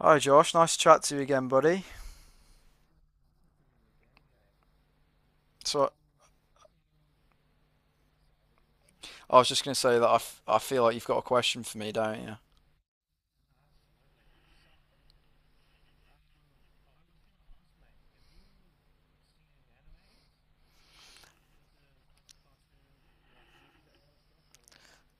Hi, Josh. Nice to chat to you again, buddy. So, I was just going to say that I feel like you've got a question for me, don't you?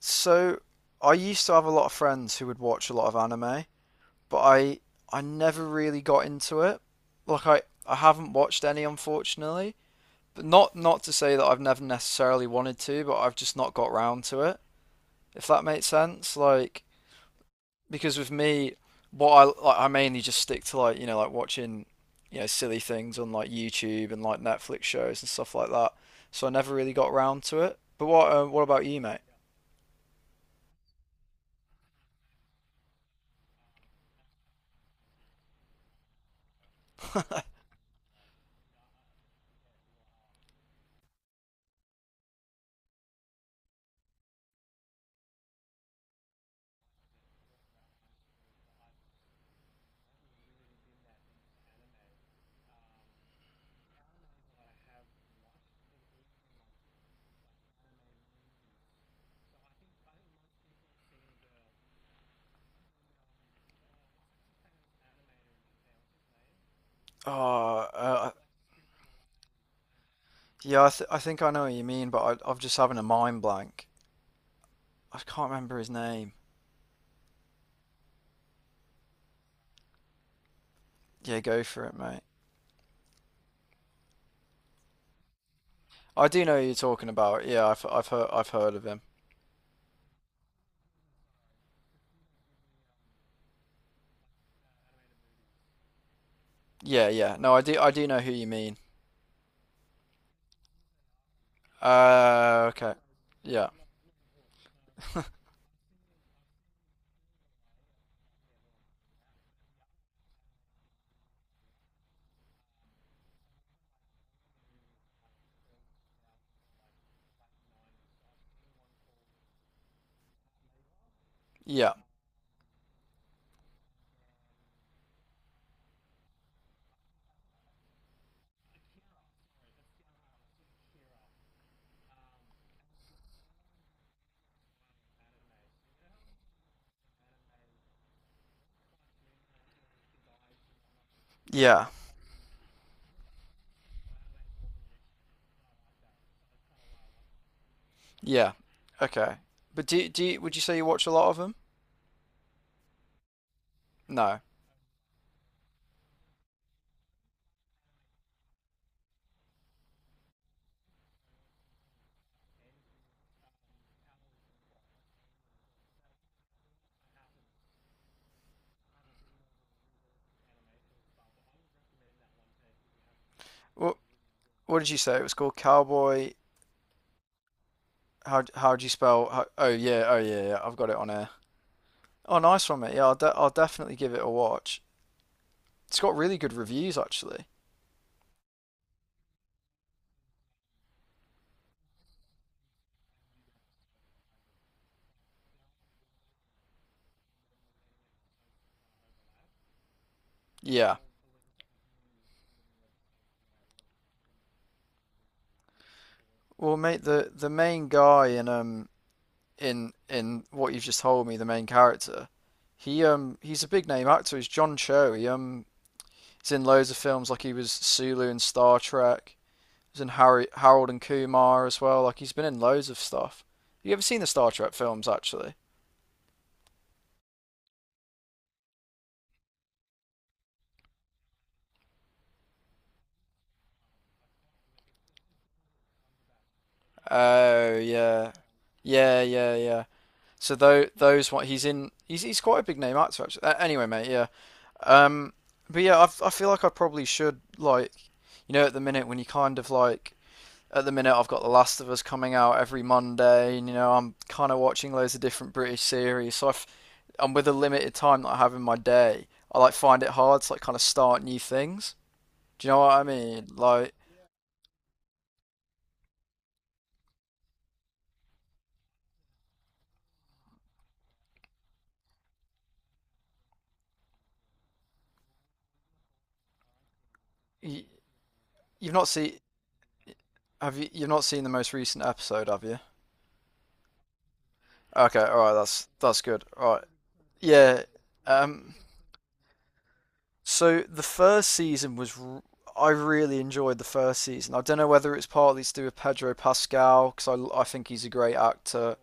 So I used to have a lot of friends who would watch a lot of anime, but I never really got into it. Like I haven't watched any, unfortunately. But not to say that I've never necessarily wanted to, but I've just not got round to it. If that makes sense, like. Because with me, what I like, I mainly just stick to like like watching silly things on like YouTube and like Netflix shows and stuff like that. So I never really got round to it. But what about you, mate? Oh, yeah, I think I know what you mean, but I'm just having a mind blank. I can't remember his name. Yeah, go for it, mate. I do know who you're talking about. Yeah, I've heard of him. Yeah, yeah. No, I do know who you mean. Okay. Yeah, yeah, yeah. Yeah. Okay. But would you say you watch a lot of them? No. What what did you say it was called? Cowboy. How do you spell? Oh yeah. Oh yeah. Yeah. I've got it on here. Oh, nice one, mate. Yeah, I'll definitely give it a watch. It's got really good reviews actually. Yeah. Well, mate, the main guy in in what you've just told me, the main character, he he's a big name actor. He's John Cho. He he's in loads of films like he was Sulu in Star Trek. He's in Harry, Harold and Kumar as well. Like he's been in loads of stuff. Have you ever seen the Star Trek films actually? Oh yeah, yeah, yeah, yeah. So though those one he's in he's quite a big name actor actually. Anyway, mate, yeah. Um, but yeah, I feel like I probably should like you know at the minute when you kind of like at the minute I've got The Last of Us coming out every Monday, and I'm kind of watching loads of different British series. So I've, and with a limited time that I have in my day, I like find it hard to like kind of start new things. Do you know what I mean? Like you, you've not seen you've not seen the most recent episode, have you? Okay, all right, that's good. All right, yeah. Um, so the first season was r- I really enjoyed the first season. I don't know whether it's partly to do with Pedro Pascal because I think he's a great actor.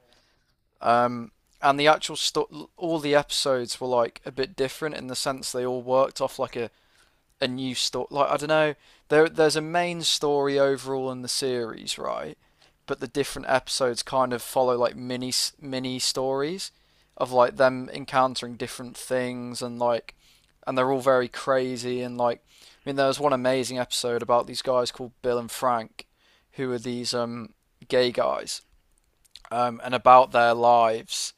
Um, and all the episodes were like a bit different in the sense they all worked off like a new story. Like I don't know, there's a main story overall in the series, right? But the different episodes kind of follow like mini stories of like them encountering different things, and like, and they're all very crazy and like, I mean there was one amazing episode about these guys called Bill and Frank, who are these gay guys, and about their lives,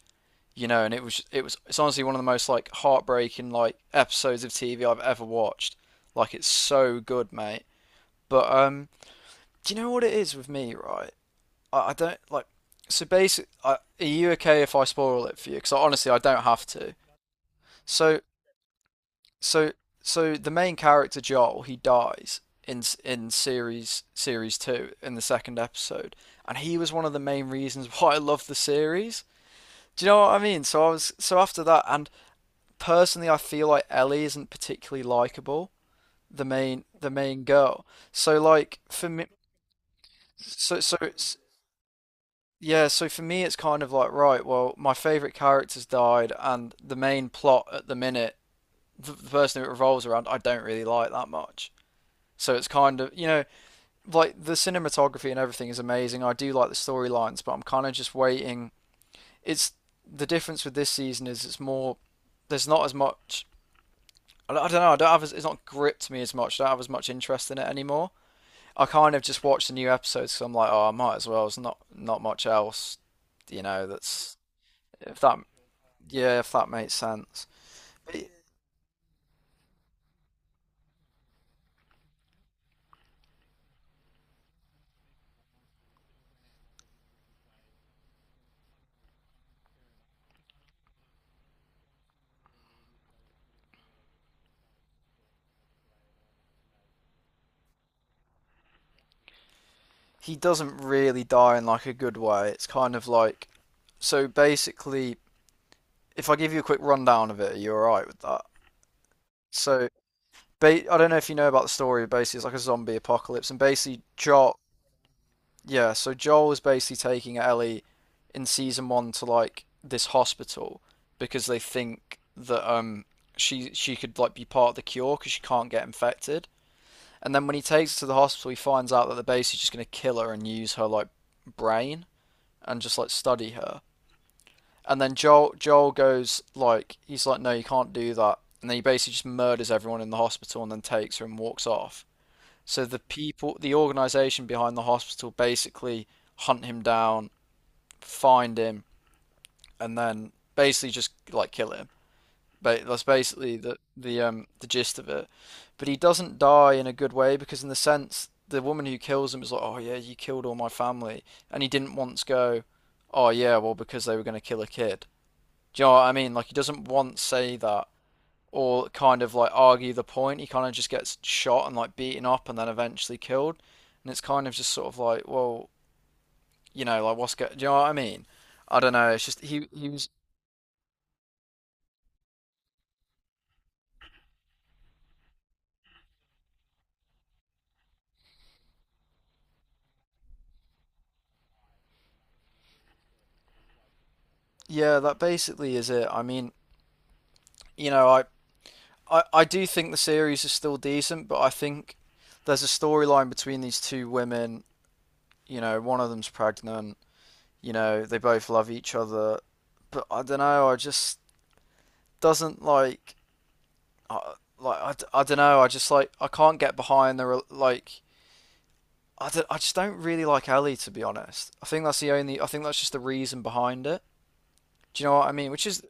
and it's honestly one of the most like heartbreaking like episodes of TV I've ever watched. Like it's so good, mate. But do you know what it is with me, right? I don't like. So are you okay if I spoil it for you? Because honestly, I don't have to. So so so the main character Joel, he dies in in series two in the second episode, and he was one of the main reasons why I loved the series. Do you know what I mean? So I was so after that, and personally, I feel like Ellie isn't particularly likable, the main girl. So like for me, so it's, yeah. So for me, it's kind of like, right. Well, my favorite character's died, and the main plot at the minute, the person who it revolves around, I don't really like that much. So it's kind of, like the cinematography and everything is amazing. I do like the storylines, but I'm kind of just waiting. It's the difference with this season is it's more, there's not as much, I don't know. I don't have. It's not gripped me as much. I don't have as much interest in it anymore. I kind of just watch the new episodes because I'm like, oh, I might as well. There's not much else, you know. That's if that yeah, If that makes sense. But he- doesn't really die in like a good way. It's kind of like, so basically. If I give you a quick rundown of it, are you all right with that? So, I don't know if you know about the story. Basically, it's like a zombie apocalypse, and basically, Jock. Yeah, so Joel is basically taking Ellie in season one to like this hospital because they think that she could like be part of the cure because she can't get infected. And then when he takes her to the hospital, he finds out that they're basically just gonna kill her and use her like brain and just like study her. And then Joel goes like he's like, no, you can't do that. And then he basically just murders everyone in the hospital and then takes her and walks off. So the people, the organization behind the hospital, basically hunt him down, find him, and then basically just like kill him. But that's basically the gist of it. But he doesn't die in a good way because in the sense the woman who kills him is like, oh yeah, you killed all my family, and he didn't once go, oh yeah, well because they were going to kill a kid. Do you know what I mean? Like he doesn't once say that or kind of like argue the point. He kind of just gets shot and like beaten up and then eventually killed. And it's kind of just sort of like, well, like do you know what I mean? I don't know. It's just he was. Yeah, that basically is it. I mean, you know, I do think the series is still decent, but I think there's a storyline between these two women. You know, one of them's pregnant. You know, they both love each other, but I don't know. I just doesn't like, I, like I don't know. I just like I can't get behind the like. I just don't really like Ellie, to be honest. I think that's the only. I think that's just the reason behind it. Do you know what I mean? Which is,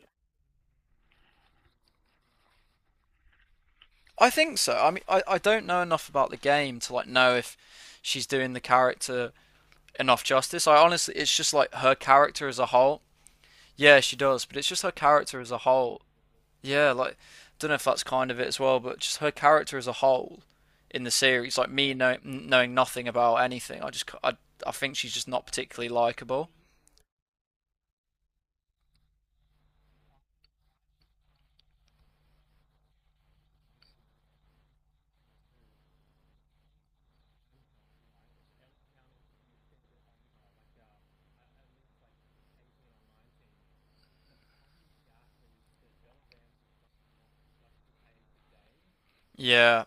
I think so. I mean, I don't know enough about the game to like know if she's doing the character enough justice. I honestly, it's just like her character as a whole. Yeah, she does, but it's just her character as a whole. Yeah, like, don't know if that's kind of it as well, but just her character as a whole in the series, like me know, knowing nothing about anything. I think she's just not particularly likable. Yeah,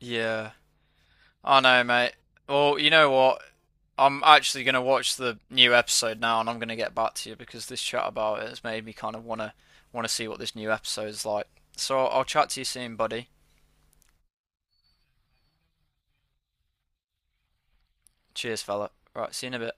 yeah. I know, mate. Well, you know what? I'm actually going to watch the new episode now, and I'm going to get back to you because this chat about it has made me kind of want to see what this new episode is like. So I'll chat to you soon, buddy. Cheers, fella. Right, see you in a bit.